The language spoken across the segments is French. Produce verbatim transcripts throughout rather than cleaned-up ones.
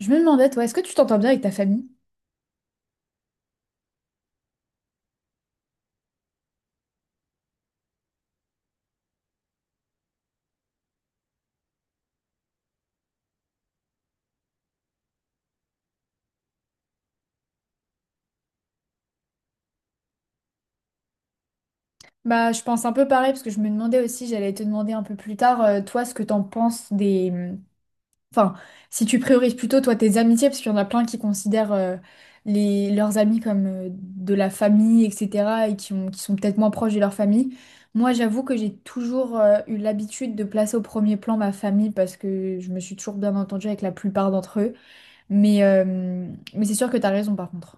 Je me demandais, toi, est-ce que tu t'entends bien avec ta famille? Bah, je pense un peu pareil, parce que je me demandais aussi, j'allais te demander un peu plus tard, euh, toi, ce que t'en penses des... Enfin, si tu priorises plutôt, toi, tes amitiés, parce qu'il y en a plein qui considèrent euh, les... leurs amis comme euh, de la famille, et cetera, et qui ont... qui sont peut-être moins proches de leur famille. Moi, j'avoue que j'ai toujours euh, eu l'habitude de placer au premier plan ma famille, parce que je me suis toujours bien entendue avec la plupart d'entre eux. Mais, euh, Mais c'est sûr que t'as raison, par contre.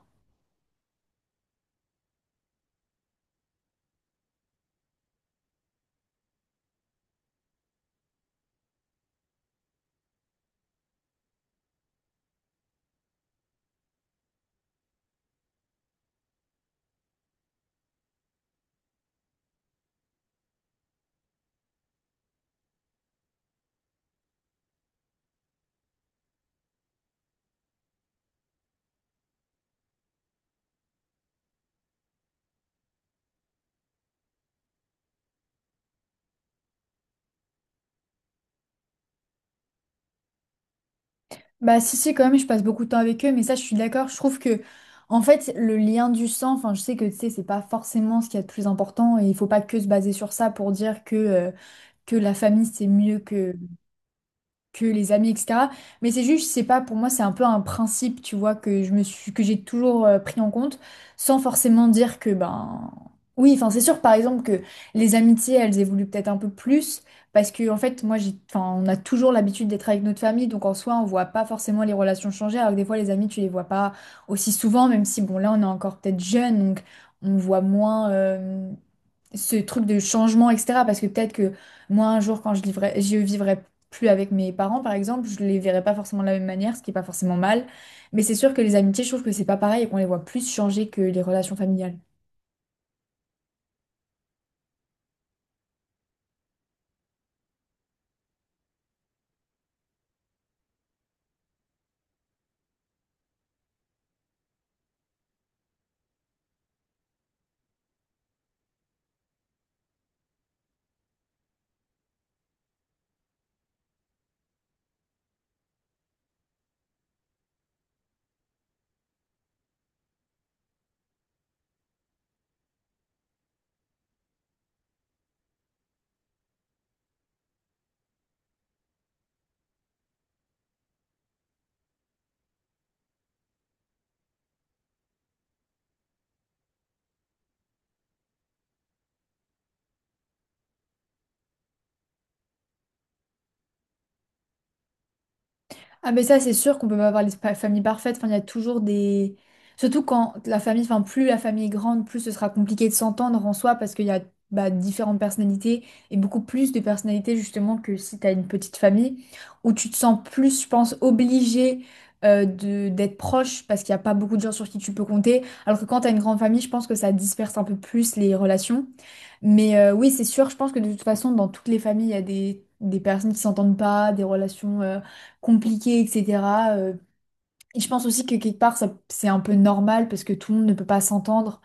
Bah, si si quand même, je passe beaucoup de temps avec eux, mais ça, je suis d'accord, je trouve que en fait, le lien du sang, enfin, je sais que, tu sais, c'est pas forcément ce qu'il y a de plus important, et il faut pas que se baser sur ça pour dire que euh, que la famille c'est mieux que que les amis, et cetera. Mais c'est juste, c'est pas, pour moi, c'est un peu un principe, tu vois, que je me suis, que j'ai toujours euh, pris en compte, sans forcément dire que, ben, oui, enfin, c'est sûr, par exemple, que les amitiés, elles évoluent peut-être un peu plus, parce que, en fait, moi, j'ai, enfin, on a toujours l'habitude d'être avec notre famille, donc en soi, on voit pas forcément les relations changer, alors que des fois, les amis, tu les vois pas aussi souvent, même si, bon, là, on est encore peut-être jeune, donc on voit moins, euh, ce truc de changement, et cetera. Parce que peut-être que moi, un jour, quand je vivrai, je vivrai plus avec mes parents, par exemple, je les verrai pas forcément de la même manière, ce qui est pas forcément mal. Mais c'est sûr que les amitiés, je trouve que c'est pas pareil et qu'on les voit plus changer que les relations familiales. Ah mais ça c'est sûr qu'on peut pas avoir les pa- familles parfaites, enfin il y a toujours des... Surtout quand la famille, enfin plus la famille est grande, plus ce sera compliqué de s'entendre en soi, parce qu'il y a bah, différentes personnalités et beaucoup plus de personnalités justement que si t'as une petite famille où tu te sens plus, je pense, obligé euh, de d'être proche, parce qu'il n'y a pas beaucoup de gens sur qui tu peux compter. Alors que quand t'as une grande famille, je pense que ça disperse un peu plus les relations. Mais euh, oui c'est sûr, je pense que de toute façon dans toutes les familles il y a des, des personnes qui s'entendent pas, des relations... euh, compliqué, et cetera. Euh, et je pense aussi que quelque part, ça, c'est un peu normal parce que tout le monde ne peut pas s'entendre.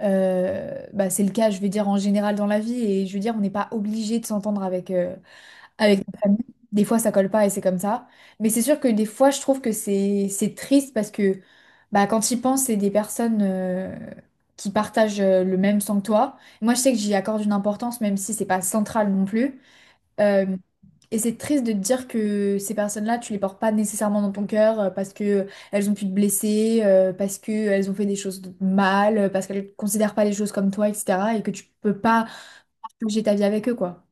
Euh, bah, c'est le cas, je veux dire, en général dans la vie. Et je veux dire, on n'est pas obligé de s'entendre avec, euh, avec notre famille. Des fois, ça colle pas et c'est comme ça. Mais c'est sûr que des fois, je trouve que c'est, c'est triste parce que bah, quand j'y pense, c'est des personnes euh, qui partagent euh, le même sang que toi. Moi, je sais que j'y accorde une importance, même si c'est pas central non plus. Euh, et c'est triste de te dire que ces personnes-là, tu les portes pas nécessairement dans ton cœur, euh, parce que elles ont pu te blesser, euh, parce que elles ont fait des choses de mal, euh, parce qu'elles considèrent pas les choses comme toi, et cetera. Et que tu peux pas partager ta vie avec eux, quoi.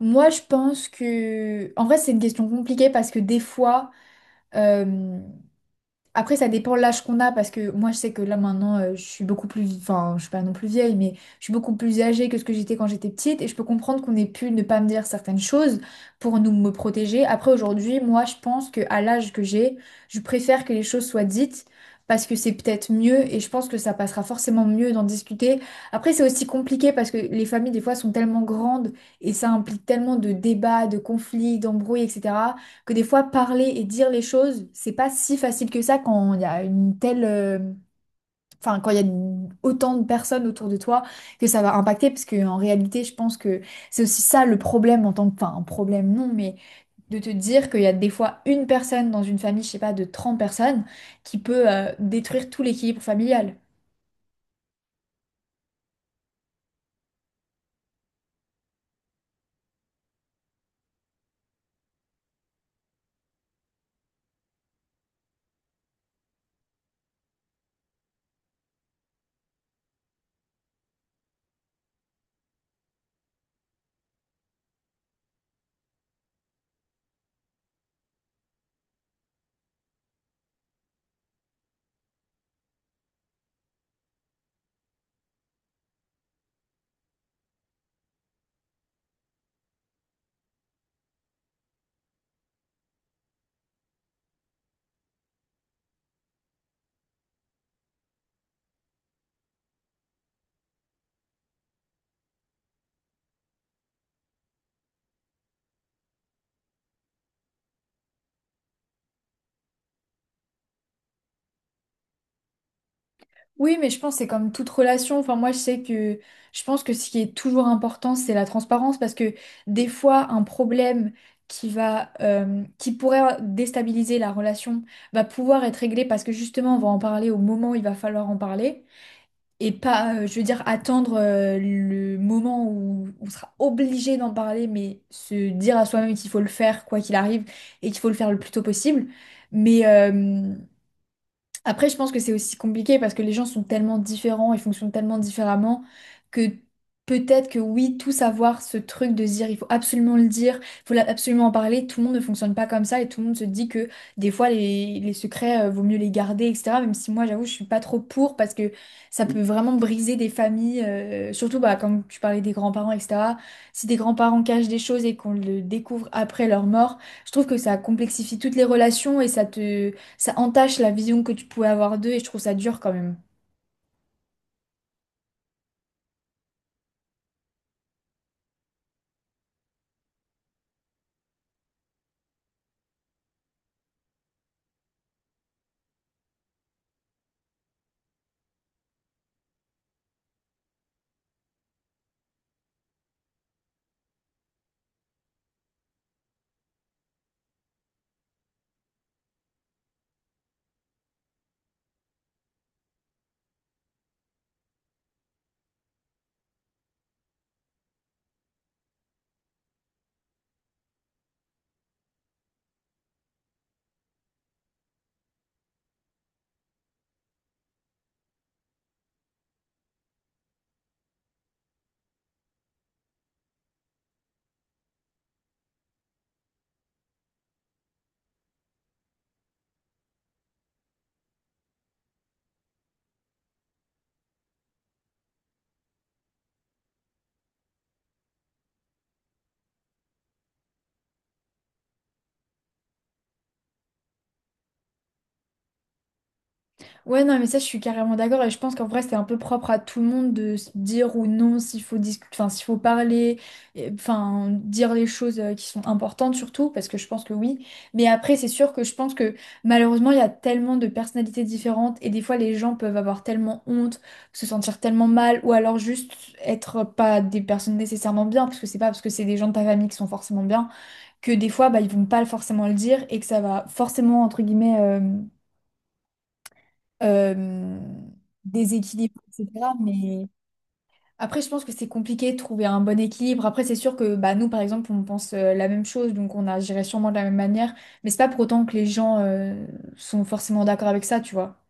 Moi, je pense que... En vrai, c'est une question compliquée parce que des fois... Après, ça dépend l'âge qu'on a, parce que moi, je sais que là, maintenant, euh, je suis beaucoup plus... Enfin, je suis pas non plus vieille, mais je suis beaucoup plus âgée que ce que j'étais quand j'étais petite, et je peux comprendre qu'on ait pu ne pas me dire certaines choses pour nous me protéger. Après, aujourd'hui, moi, je pense que à l'âge que j'ai, je préfère que les choses soient dites, parce que c'est peut-être mieux, et je pense que ça passera forcément mieux d'en discuter. Après, c'est aussi compliqué, parce que les familles, des fois, sont tellement grandes, et ça implique tellement de débats, de conflits, d'embrouilles, etc., que des fois parler et dire les choses, c'est pas si facile que ça quand il y a une telle, euh, enfin quand il y a une- autant de personnes autour de toi que ça va impacter, parce que en réalité, je pense que c'est aussi ça le problème en tant que, enfin un problème non, mais de te dire qu'il y a des fois une personne dans une famille, je sais pas, de trente personnes qui peut euh, détruire tout l'équilibre familial. Oui, mais je pense que c'est comme toute relation. Enfin, moi, je sais que je pense que ce qui est toujours important, c'est la transparence, parce que des fois, un problème qui va, euh, qui pourrait déstabiliser la relation va pouvoir être réglé parce que justement, on va en parler au moment où il va falloir en parler et pas, euh, je veux dire, attendre, euh, le moment où on sera obligé d'en parler, mais se dire à soi-même qu'il faut le faire quoi qu'il arrive et qu'il faut le faire le plus tôt possible. Mais, euh, Après, je pense que c'est aussi compliqué parce que les gens sont tellement différents et fonctionnent tellement différemment que peut-être que oui, tous avoir ce truc de se dire il faut absolument le dire, il faut la- absolument en parler, tout le monde ne fonctionne pas comme ça et tout le monde se dit que des fois les, les secrets, euh, vaut mieux les garder, et cetera. Même si moi, j'avoue, je suis pas trop pour parce que ça peut vraiment briser des familles, euh, surtout bah, quand tu parlais des grands-parents, et cetera. Si des grands-parents cachent des choses et qu'on le découvre après leur mort, je trouve que ça complexifie toutes les relations et ça te ça entache la vision que tu pouvais avoir d'eux, et je trouve ça dur quand même. Ouais, non, mais ça, je suis carrément d'accord et je pense qu'en vrai, c'est un peu propre à tout le monde de se dire ou non s'il faut discuter, enfin, s'il faut parler, et- enfin, dire les choses euh, qui sont importantes surtout, parce que je pense que oui. Mais après, c'est sûr que je pense que malheureusement, il y a tellement de personnalités différentes et des fois, les gens peuvent avoir tellement honte, se sentir tellement mal ou alors juste être pas des personnes nécessairement bien, parce que c'est pas parce que c'est des gens de ta famille qui sont forcément bien que des fois, bah, ils vont pas forcément le dire et que ça va forcément, entre guillemets, euh, euh, déséquilibrer, et cetera. Mais après, je pense que c'est compliqué de trouver un bon équilibre. Après, c'est sûr que bah, nous, par exemple, on pense euh, la même chose, donc on agirait sûrement de la même manière. Mais c'est pas pour autant que les gens euh, sont forcément d'accord avec ça, tu vois.